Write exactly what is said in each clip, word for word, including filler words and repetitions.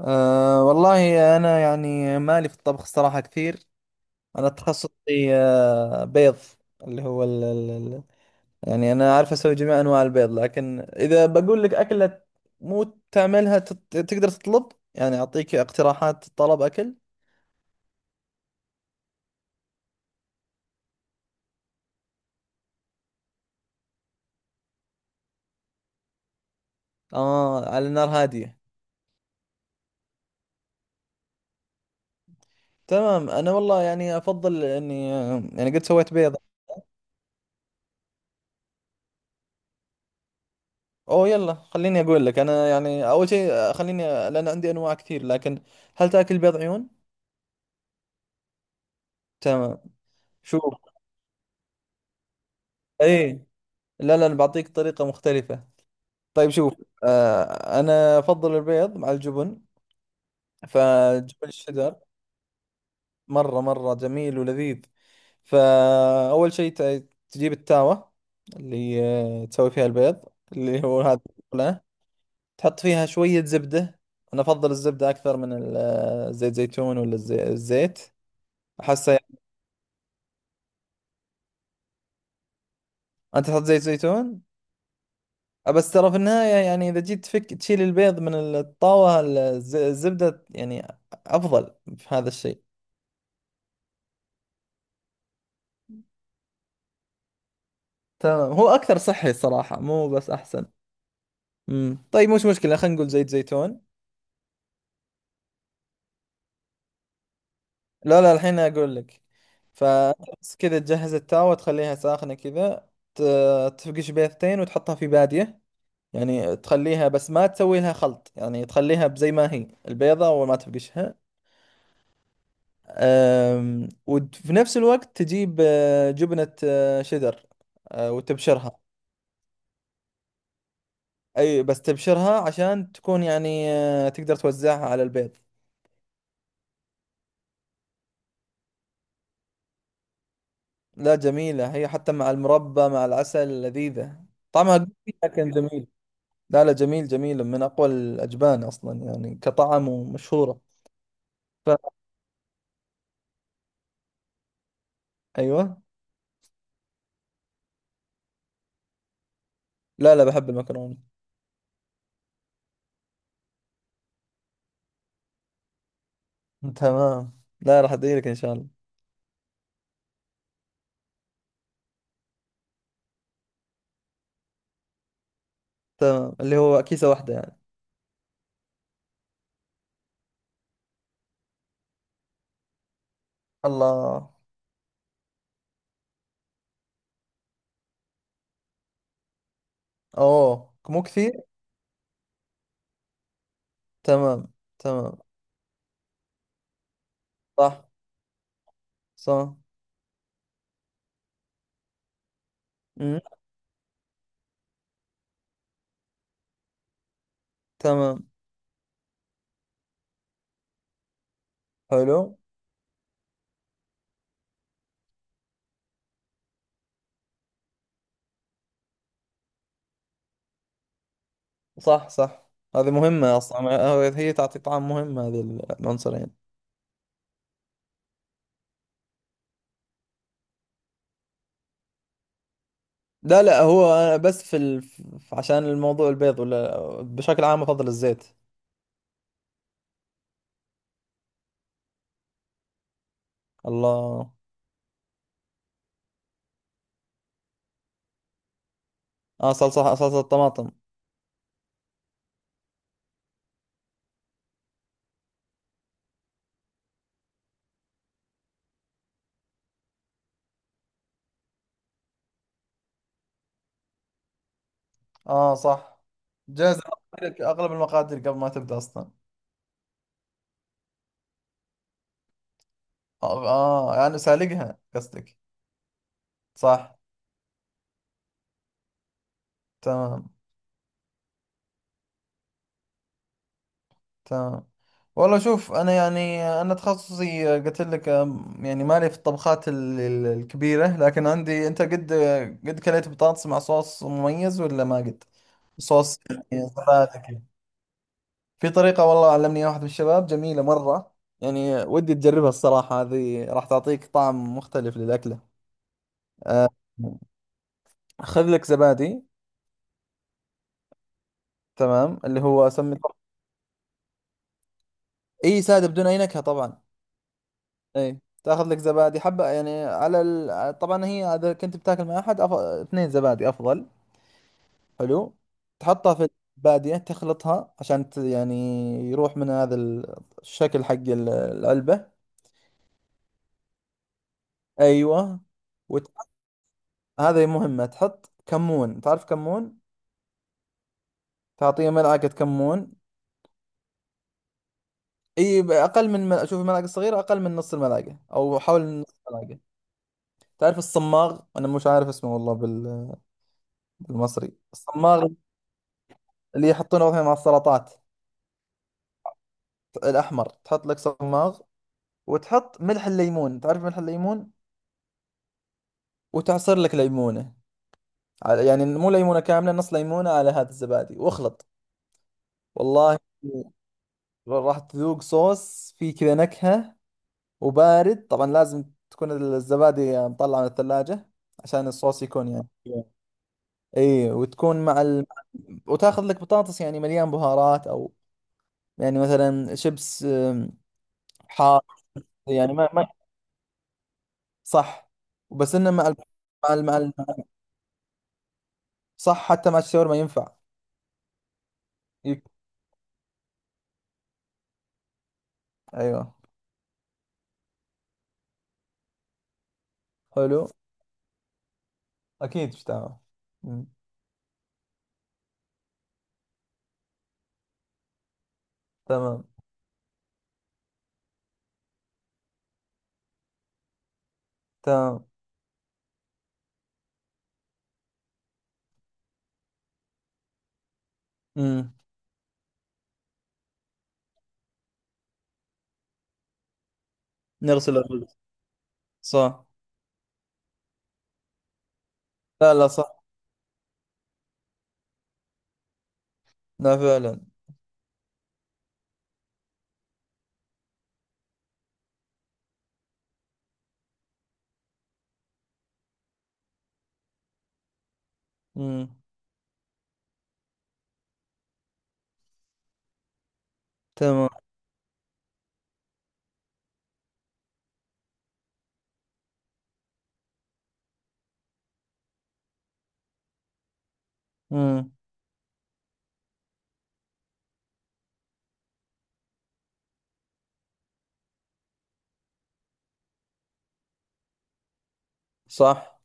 أه والله أنا يعني مالي في الطبخ الصراحة كثير. أنا تخصصي أه بيض. اللي هو ال ال ال يعني أنا أعرف أسوي جميع أنواع البيض، لكن إذا بقول لك أكلة مو تعملها تت- تقدر تطلب، يعني أعطيك اقتراحات طلب أكل. آه، على نار هادية. تمام، أنا والله يعني أفضل إني آه، يعني قد سويت بيض. أوه يلا، خليني أقول لك. أنا يعني أول شيء آه، خليني، لأن عندي أنواع كثير. لكن هل تاكل بيض عيون؟ تمام. شوف. ايه. لا لا، أنا بعطيك طريقة مختلفة. طيب شوف. آه أنا أفضل البيض مع الجبن، فجبن الشيدر مرة مرة جميل ولذيذ. فأول شيء ت- تجيب التاوة اللي آه، تسوي فيها البيض، اللي هو هذا. لا، تحط فيها شوية زبدة. أنا أفضل الزبدة أكثر من ال- آه، زيت زيتون، ولا الزي- الزيت. أحسه. أنت تحط زيت زيتون. آه، بس ترى في النهاية يعني إذا جيت تفك تشيل البيض من الطاوة الز- الزبدة يعني أفضل في هذا الشيء. تمام، هو أكثر صحي صراحة، مو بس أحسن. امم طيب، مش مشكلة، خلينا نقول زيت زيتون. لا لا، الحين أقول لك. فبس كذا تجهز التاوة، تخليها ساخنة كذا. ت- تفقش بيضتين وتحطها في بادية، يعني تخليها، بس ما تسوي لها خلط، يعني تخليها زي ما هي البيضة وما تفقشها. أم، وفي نفس الوقت تجيب آه، جبنة آه، شيدر. آه، وتبشرها. أي بس تبشرها عشان تكون يعني آه، تقدر توزعها على البيض. لا جميلة، هي حتى مع المربى مع العسل لذيذة. طعمها قوي، لكن جميل. لا لا، جميل جميل، من أقوى الأجبان أصلا يعني كطعم، ومشهورة. ف... أيوة. لا لا، بحب المكرونة. تمام، لا، راح أدعي لك إن شاء الله. تمام، اللي هو كيسة واحدة يعني. الله. أوه، مو كثير. تمام. تمام. صح. صح. مم. تمام. حلو. صح. صح. هذه مهمة أصلا، هو- هي تعطي طعم مهم هذه، العنصرين. لا لا، هو أنا بس في ال... في- عشان الموضوع البيض، ولا بشكل عام أفضل الزيت. الله. آه، صلصة صلصة الطماطم. آه، صح. جاهز لك أغلب المقادير قبل ما تبدأ أصلا. آه، آه، يعني سالقها قصدك. صح. تمام. تمام، والله شوف، انا يعني انا تخصصي قلت لك أم، يعني مالي في الطبخات ال- ال- الكبيره، لكن عندي انت قد، قد كليت بطاطس مع صوص مميز ولا ما قد. صوص، يعني سلطة كذا. في طريقه، والله علمني واحد من الشباب جميله مره، يعني ودي تجربها الصراحه، هذه راح تعطيك طعم مختلف للاكله. أه، خذ لك زبادي. تمام، اللي هو اسمي. اي، ساده بدون اي نكهه طبعا. اي، تاخذ لك زبادي حبة، يعني على ال... طبعا هي، اذا كنت بتاكل مع احد، أف... اثنين زبادي افضل. حلو. تحطها في الزبادية، تخلطها عشان ت... يعني يروح من هذا ال- الشكل حق ال- العلبة. ايوه. وت... هذا مهمة، تحط كمون، تعرف كمون. تعطيه ملعقة كمون. اي، ب- اقل من مل... شوف الملعقة الصغيرة، اقل من نص الملعقة او حول نص الملعقة. تعرف الصماغ؟ انا مش عارف اسمه والله بال... بالمصري الصماغ، اللي يحطونه مثلا مع السلطات، الأحمر، تحط لك صماغ. وتحط ملح الليمون، تعرف ملح الليمون. وتعصر لك ليمونة، على- يعني مو ليمونة كاملة، نص ليمونة على هذا الزبادي، واخلط. والله راح تذوق صوص فيه كذا نكهة. وبارد طبعا، لازم تكون الزبادي مطلعة من الثلاجة، عشان الصوص يكون يعني. اي، وتكون مع ال... وتاخذ لك بطاطس يعني مليان بهارات، او يعني مثلا شيبس أم، حار، يعني ما ما صح، بس انه مع ال... مع ال... مع ال... صح، حتى مع الشاورما ينفع. يك. ايوه. حلو. اكيد، مش تمام. مم. تمام. تمام. مم. نغسل الرز. صح. لا لا، صح. لا فعلا. مم. تمام. مم. صح.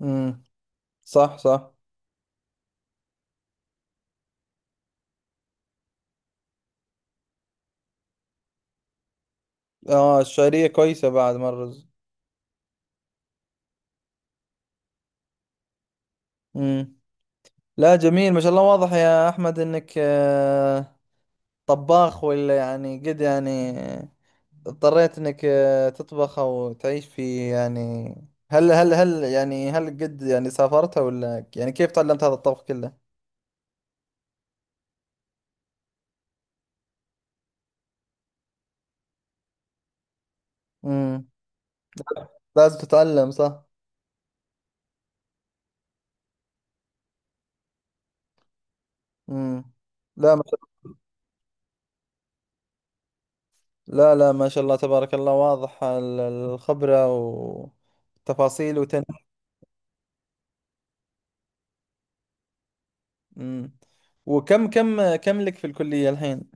مم. صح صح. اه، الشعرية كويسة بعد ما الرز. مم. لا جميل، ما شاء الله، واضح يا احمد انك آه، طباخ، ولا يعني قد يعني اضطريت انك آه، تطبخ او تعيش في، يعني هل هل هل يعني هل قد يعني سافرت، ولا يعني كيف تعلمت هذا الطبخ كله؟ امم. لازم تتعلم صح؟ امم. لا ما شاء- لا لا، ما شاء الله تبارك الله، واضح ال- الخبرة والتفاصيل وتن. امم. وكم كم كم لك في الكلية الحين؟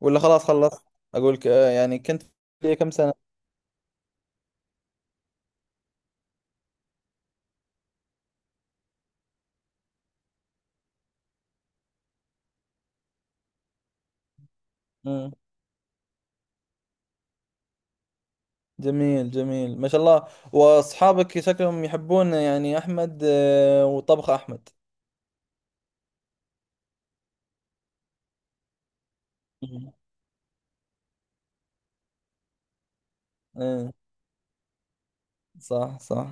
ولا خلاص خلصت؟ اقول ك- آه، يعني كنت في الكلية كم سنة؟ جميل جميل، ما شاء الله، واصحابك شكلهم يحبون يعني احمد آه، وطبخ احمد. مم. ايه. صح صح.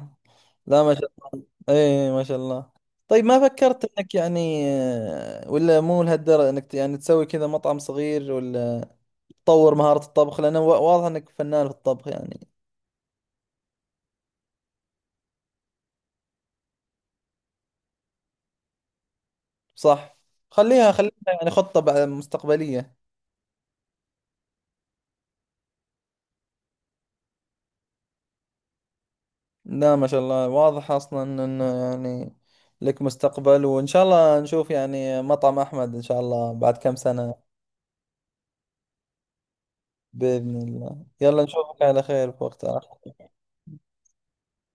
لا ما شاء ايه، ما شاء الله. طيب، ما فكرت انك يعني آه، ولا مو لهالدرجة انك ت- يعني تسوي كذا مطعم صغير، ولا تطور مهارة الطبخ، لانه وا- واضح انك فنان في الطبخ يعني. صح. خليها خليها يعني خطة بعد- مستقبلية. لا ما شاء الله، واضح اصلا انه، يعني لك مستقبل، وان شاء الله نشوف يعني مطعم احمد ان شاء الله بعد كم سنة. باذن الله، يلا نشوفك على خير في وقت آخر.